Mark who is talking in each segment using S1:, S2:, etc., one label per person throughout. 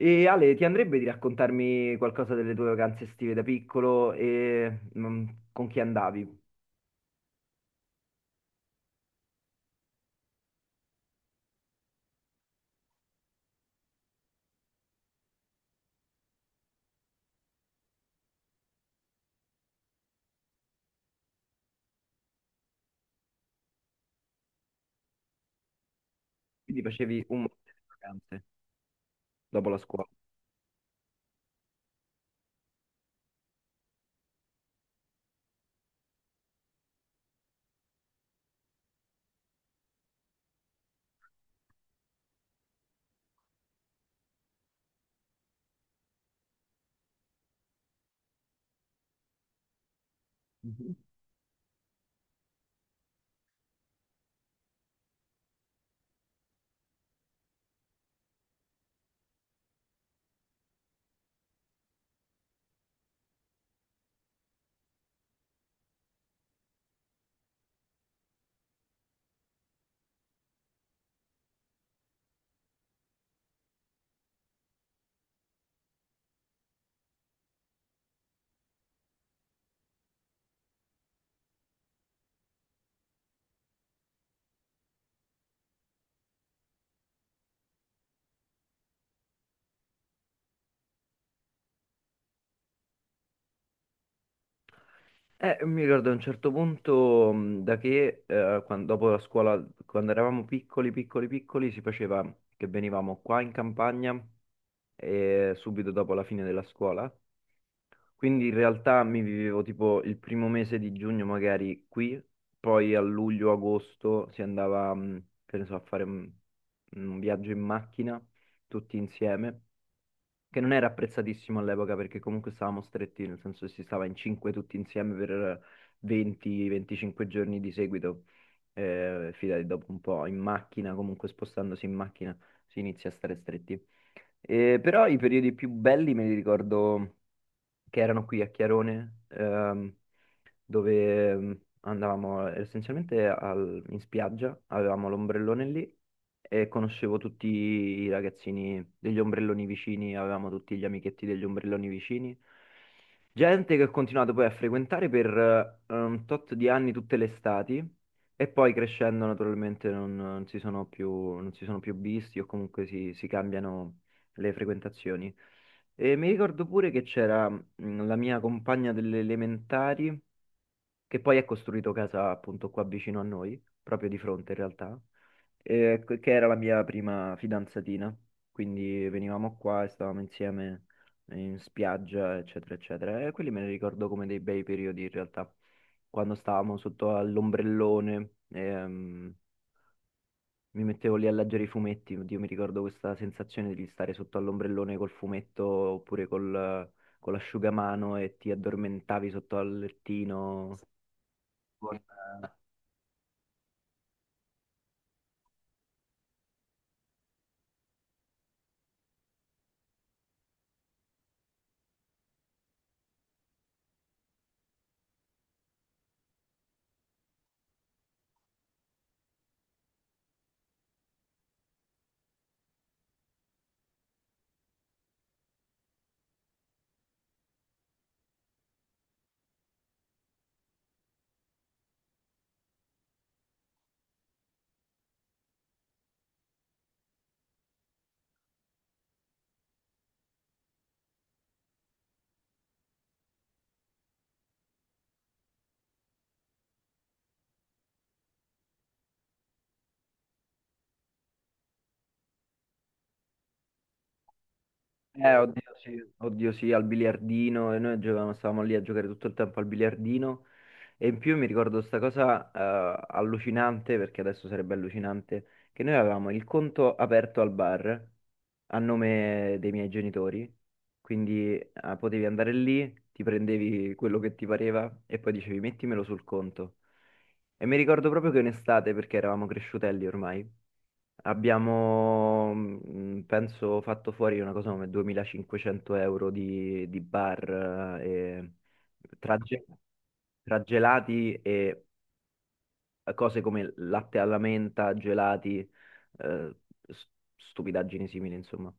S1: E Ale, ti andrebbe di raccontarmi qualcosa delle tue vacanze estive da piccolo e con chi andavi? Quindi facevi un monte di vacanze dopo la scuola. Mhm. Mi ricordo a un certo punto da che dopo la scuola, quando eravamo piccoli, si faceva che venivamo qua in campagna, subito dopo la fine della scuola. Quindi in realtà mi vivevo tipo il primo mese di giugno magari qui, poi a luglio-agosto si andava, che ne so, a fare un viaggio in macchina tutti insieme, che non era apprezzatissimo all'epoca perché comunque stavamo stretti, nel senso che si stava in cinque tutti insieme per 20-25 giorni di seguito. Eh, fidati, dopo un po' in macchina, comunque spostandosi in macchina si inizia a stare stretti. Però i periodi più belli me li ricordo che erano qui a Chiarone, dove andavamo essenzialmente in spiaggia, avevamo l'ombrellone lì e conoscevo tutti i ragazzini degli ombrelloni vicini, avevamo tutti gli amichetti degli ombrelloni vicini. Gente che ho continuato poi a frequentare per un tot di anni tutte le estati e poi crescendo naturalmente non si sono più, non si sono più visti o comunque si cambiano le frequentazioni. E mi ricordo pure che c'era la mia compagna delle elementari, che poi ha costruito casa appunto qua vicino a noi, proprio di fronte in realtà, che era la mia prima fidanzatina. Quindi venivamo qua e stavamo insieme in spiaggia, eccetera, eccetera. E quelli me li ricordo come dei bei periodi in realtà, quando stavamo sotto all'ombrellone. Mi mettevo lì a leggere i fumetti, oddio, mi ricordo questa sensazione di stare sotto all'ombrellone col fumetto oppure con l'asciugamano e ti addormentavi sotto al lettino. Oddio, sì. Oddio sì, al biliardino, e noi giocavamo, stavamo lì a giocare tutto il tempo al biliardino, e in più mi ricordo sta cosa allucinante, perché adesso sarebbe allucinante, che noi avevamo il conto aperto al bar a nome dei miei genitori, quindi potevi andare lì, ti prendevi quello che ti pareva e poi dicevi mettimelo sul conto. E mi ricordo proprio che in estate, perché eravamo cresciutelli ormai, abbiamo, penso, fatto fuori una cosa come 2500 euro di bar, e tra gelati e cose come latte alla menta, gelati, s- stupidaggini simili, insomma.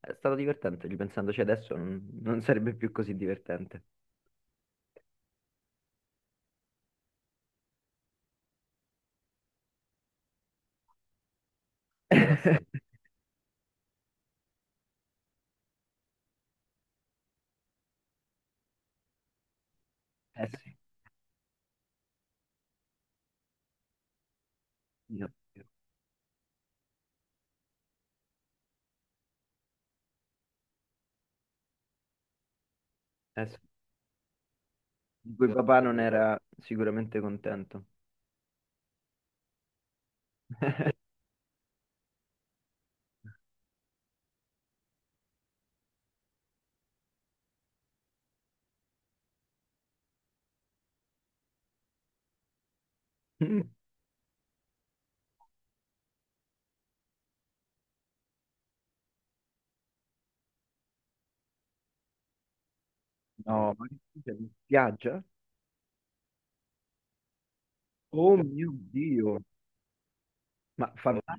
S1: È stato divertente, ripensandoci adesso non sarebbe più così divertente. Eh sì, eh sì, io- eh sì. Di cui papà non era sicuramente contento. Mm. No, ma che cos'è? In spiaggia? Oh mio Dio! Oh,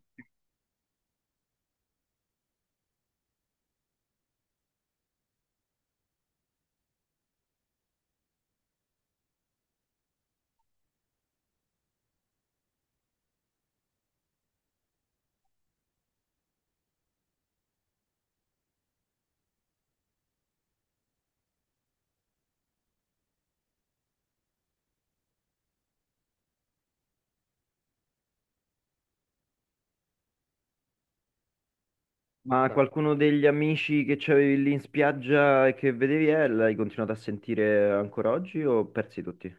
S1: ma qualcuno degli amici che c'avevi lì in spiaggia e che vedevi, l'hai continuato a sentire ancora oggi o persi tutti?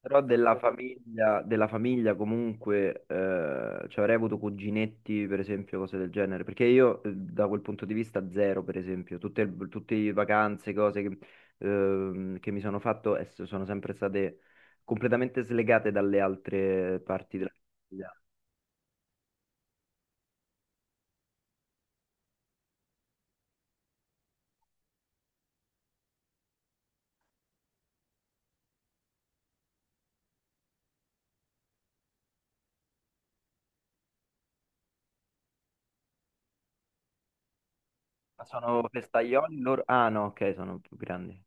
S1: Però della famiglia comunque cioè avrei avuto cuginetti, per esempio, cose del genere. Perché io, da quel punto di vista zero, per esempio, tutte le vacanze, cose che mi sono fatto, sono sempre state completamente slegate dalle altre parti della famiglia. Ma sono festaioli loro? Ah no, ok, sono più grandi.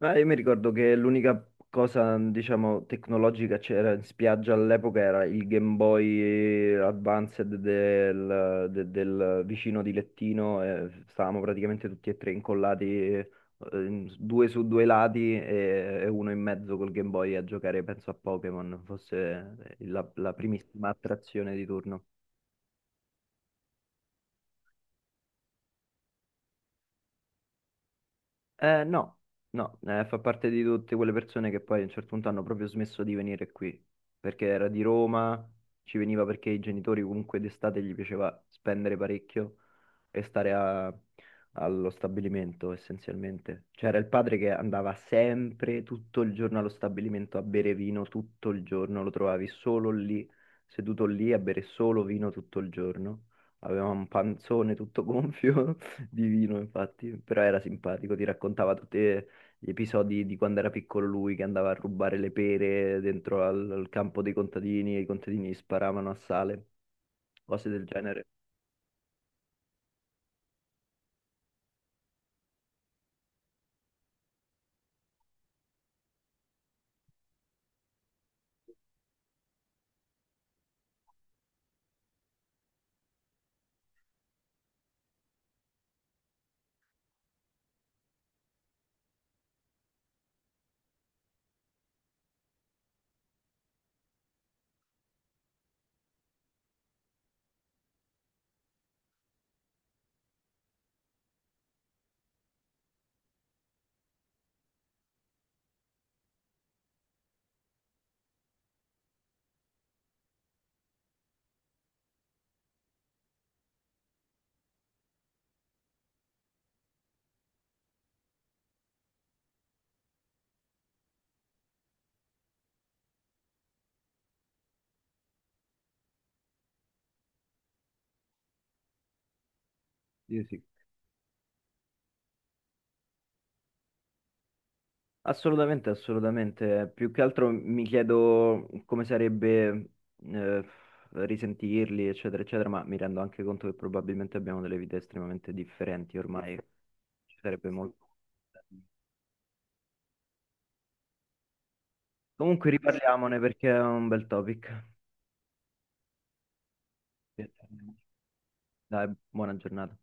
S1: Ah, io mi ricordo che l'unica cosa, diciamo, tecnologica che c'era in spiaggia all'epoca era il Game Boy Advanced del vicino di lettino. E stavamo praticamente tutti e tre incollati, eh, due su due lati e uno in mezzo col Game Boy a giocare, penso a Pokémon, fosse la primissima attrazione di turno. No, no, fa parte di tutte quelle persone che poi a un certo punto hanno proprio smesso di venire qui, perché era di Roma, ci veniva perché i genitori comunque d'estate gli piaceva spendere parecchio e stare allo stabilimento essenzialmente. C'era il padre che andava sempre tutto il giorno allo stabilimento a bere vino tutto il giorno, lo trovavi solo lì, seduto lì a bere solo vino tutto il giorno. Aveva un panzone tutto gonfio di vino, infatti, però era simpatico, ti raccontava tutti, gli episodi di quando era piccolo lui che andava a rubare le pere dentro al campo dei contadini e i contadini gli sparavano a sale, cose del genere. Sì, sì. Assolutamente, assolutamente. Più che altro mi chiedo come sarebbe, eh, risentirli, eccetera, eccetera, ma mi rendo anche conto che probabilmente abbiamo delle vite estremamente differenti ormai. Ci sarebbe molto. Comunque riparliamone perché è un bel topic. Dai, buona giornata.